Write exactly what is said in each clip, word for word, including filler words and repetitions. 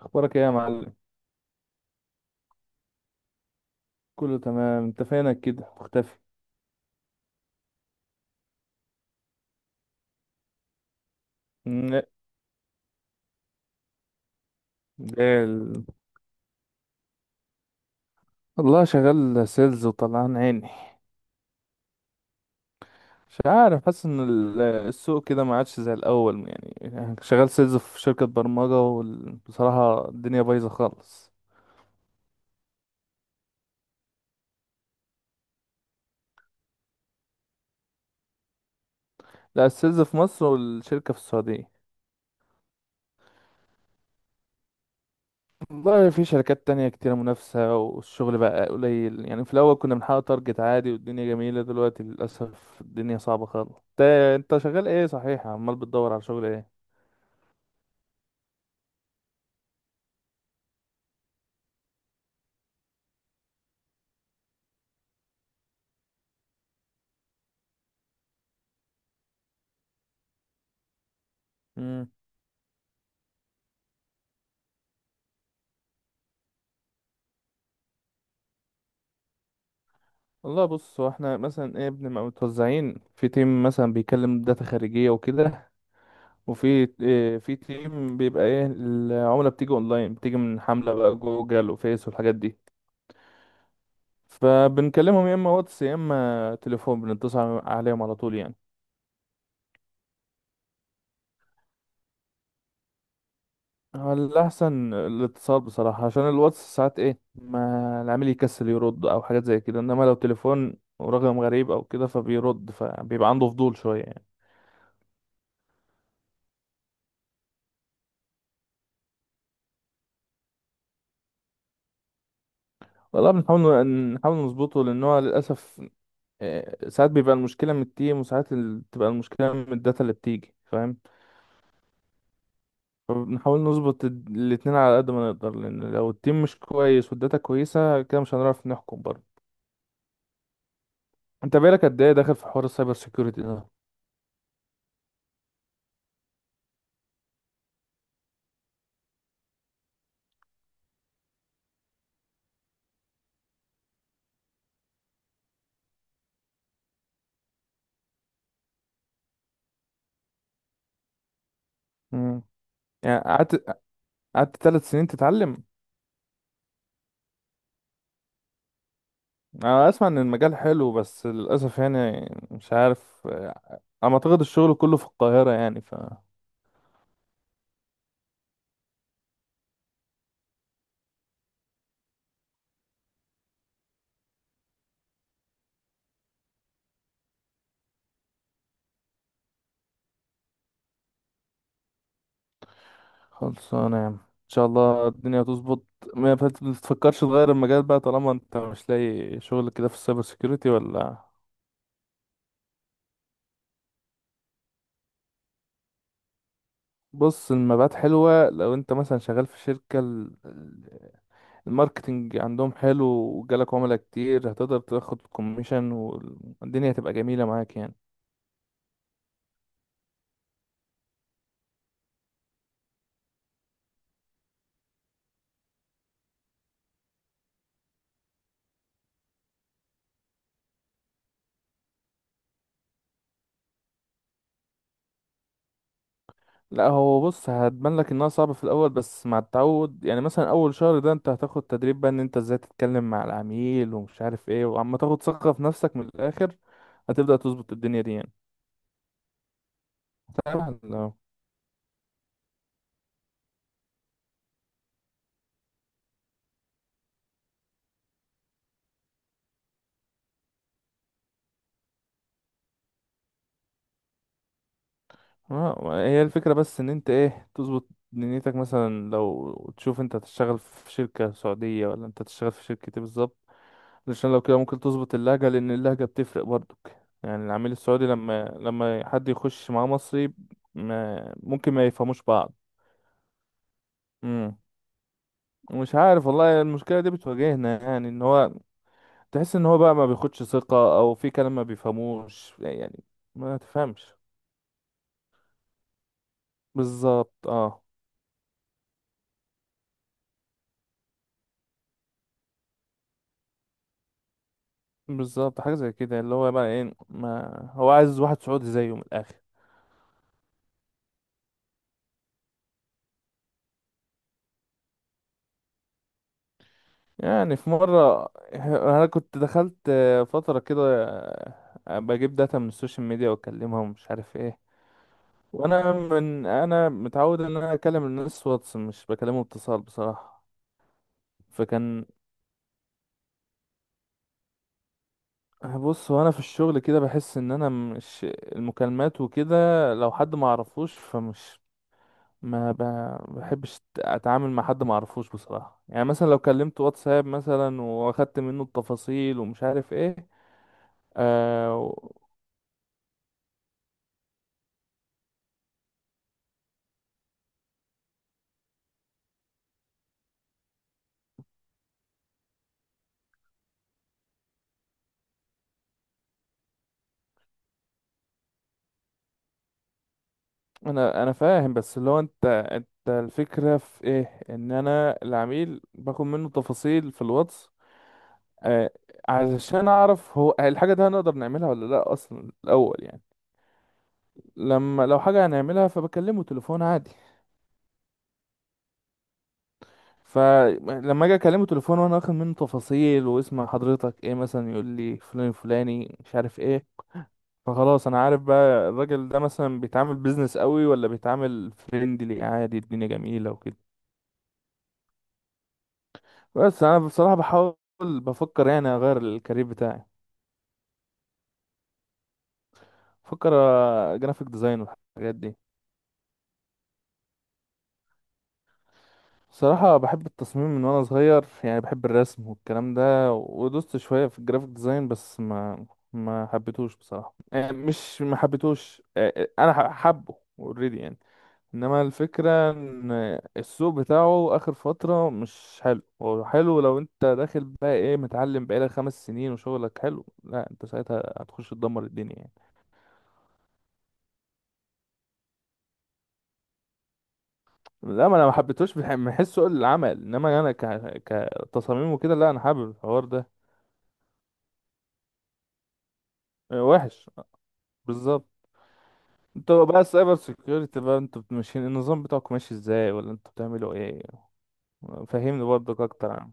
اخبارك ايه يا معلم؟ كله تمام. انت فينك كده مختفي؟ لا. إيه ال... والله شغال سيلز وطلعان عيني. مش عارف، حاسس ان ال- السوق كده ما عادش زي الاول، يعني شغال سيلز في شركة برمجة وبصراحة الدنيا بايظة خالص. لا، السيلز في مصر والشركة في السعودية. والله في شركات تانية كتيرة منافسة والشغل بقى قليل، يعني في الأول كنا بنحقق تارجت عادي والدنيا جميلة، دلوقتي للأسف الدنيا صعبة خالص. انت انت شغال ايه صحيح، عمال بتدور على شغل ايه؟ والله بص، هو احنا مثلا ايه، بنبقى متوزعين في تيم، مثلا بيكلم داتا خارجية وكده، وفي اه في تيم بيبقى ايه العملة، بتيجي اونلاين، بتيجي من حملة بقى جوجل وفيس والحاجات دي. فبنكلمهم يا اما واتس يا اما تليفون، بنتصل عليهم على طول يعني. هو الأحسن الاتصال بصراحة، عشان الواتس ساعات ايه، ما العميل يكسل يرد أو حاجات زي كده، إنما لو تليفون ورقم غريب أو كده فبيرد، فبيبقى عنده فضول شوية يعني. والله بنحاول نحاول نظبطه لأن هو للأسف، آه، ساعات بيبقى المشكلة من التيم وساعات ال- بتبقى المشكلة من الداتا اللي بتيجي، فاهم؟ فبنحاول نظبط ال- الاتنين على قد ما نقدر، لأن لو التيم مش كويس والداتا كويسة كده مش هنعرف نحكم برضه. انت بقالك قد ايه داخل في حوار السايبر سيكيورتي ده؟ مم. يعني قعدت قعدت ثلاث سنين تتعلم؟ انا اسمع ان المجال حلو بس للاسف، يعني مش عارف آه، انا اعتقد الشغل كله في القاهرة يعني. خلصانة يا عم، ان شاء الله الدنيا هتظبط. ما فت- ما تفكرش تغير المجال بقى طالما انت مش لاقي شغل كده في السايبر سيكيورتي ولا؟ بص، المبيعات حلوة لو انت مثلا شغال في شركة، ال- ال- الماركتينج عندهم حلو وجالك عملاء كتير، هتقدر تاخد كوميشن والدنيا هتبقى جميلة معاك يعني. لا، هو بص، هتبان لك انها صعبة في الاول بس مع التعود، يعني مثلا اول شهر ده انت هتاخد تدريب بقى، ان انت ازاي تتكلم مع العميل ومش عارف ايه، وعم تاخد ثقة في نفسك من الاخر. هتبدأ تظبط الدنيا دي يعني. طبعا، اه. آه، هي الفكرة بس ان انت ايه، تظبط دنيتك، مثلا لو تشوف انت هتشتغل في شركة سعودية ولا انت هتشتغل في شركة ايه بالظبط؟ علشان لو كده ممكن تظبط اللهجة، لان اللهجة بتفرق برضك، يعني العميل السعودي لما لما حد يخش معاه مصري ما ممكن ما يفهموش بعض. امم مش عارف والله، المشكلة دي بتواجهنا يعني، ان هو تحس ان هو بقى ما بياخدش ثقة، او في كلام ما بيفهموش يعني. ما تفهمش. بالظبط، اه. بالظبط، حاجة زي كده، اللي هو بقى ايه ما، هو عايز واحد سعودي زيه من الآخر. يعني في مرة أنا كنت دخلت فترة كده بجيب داتا من السوشيال ميديا وأكلمها ومش عارف ايه. وأنا من أنا متعود إن أنا أكلم الناس واتس، مش بكلمه اتصال بصراحة. فكان، بص، وأنا في الشغل كده بحس إن أنا مش المكالمات وكده. لو حد ما أعرفوش فمش، ما ب- بحبش اتعامل مع حد ما اعرفوش بصراحه، يعني مثلا لو كلمت واتساب مثلا واخدت منه التفاصيل ومش عارف ايه. آه و- انا انا فاهم، بس اللي هو انت انت الفكره في ايه، ان انا العميل باخد منه تفاصيل في الواتس. آه، علشان اعرف هو الحاجه دي هنقدر نعملها ولا لا اصلا الاول يعني. لما لو حاجه هنعملها فبكلمه تليفون عادي. فلما اجي اكلمه تليفون وانا واخد منه تفاصيل واسم حضرتك ايه مثلا، يقول لي فلان فلاني مش عارف ايه. فخلاص انا عارف بقى الراجل ده مثلا بيتعامل بيزنس قوي ولا بيتعامل فريندلي عادي، الدنيا جميلة وكده. بس انا بصراحة بحاول، بفكر يعني اغير الكارير بتاعي. بفكر جرافيك ديزاين والحاجات دي. صراحة بحب التصميم من وأنا صغير، يعني بحب الرسم والكلام ده، ودوست شوية في الجرافيك ديزاين بس ما ما حبيتهوش بصراحة. يعني مش ما حبيتهوش، آه، آه، أنا ح- حبه اوريدي يعني. إنما الفكرة إن السوق بتاعه آخر فترة مش حلو، هو حلو لو أنت داخل بقى إيه، متعلم بقالك خمس سنين وشغلك حلو، لا أنت ساعتها هتخش تدمر الدنيا يعني. لا، ما أنا ما حبيتهوش بح- من حيث سوق العمل، إنما أنا ك... كتصاميم وكده لا أنا حابب الحوار ده. آه، وحش بالظبط. انتوا بقى السايبر سيكيورتي بقى، انتوا ماشيين النظام بتاعكم ماشي ازاي، ولا انتوا بتعملوا ايه؟ فهمني برضك اكتر عن.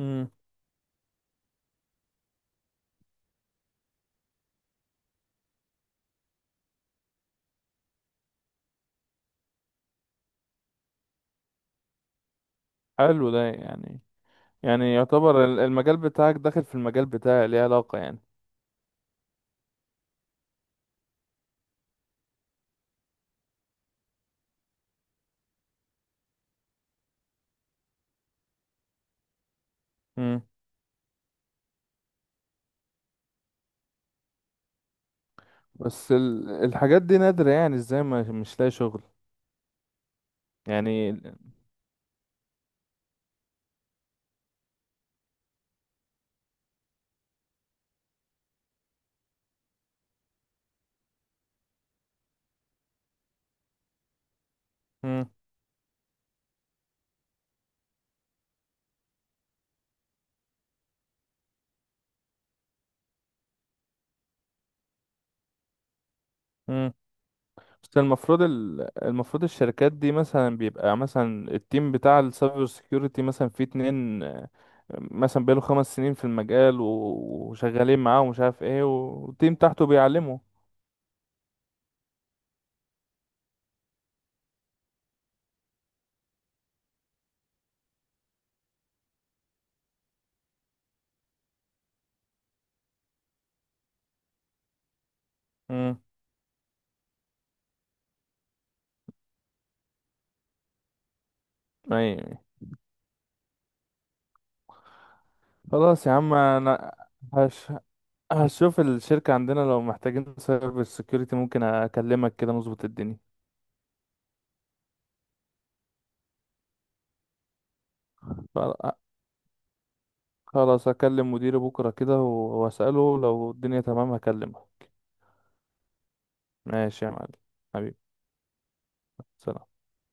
امم حلو ده يعني، يعني يعتبر ال- المجال بتاعك داخل في المجال بتاعي، ليه علاقة يعني. امم بس ال... الحاجات دي نادرة يعني، ازاي ما مش لاقي شغل يعني. امم بس المفروض، ال... المفروض الشركات دي مثلا بيبقى، مثلا التيم بتاع السايبر سيكيورتي مثلا فيه اتنين، آه، مثلا بقاله خمس سنين في المجال و... وشغالين معاه ومش عارف ايه، والتيم تحته بيعلمه. امم. اي. خلاص يا عم، انا هش... هشوف الشركة عندنا لو محتاجين سايبر سيكيورتي ممكن اكلمك كده نظبط الدنيا. خل- خلاص هكلم مديري بكرة كده و- واسأله لو الدنيا تمام هكلمه. ماشي يا معلم. حبيبي، سلام.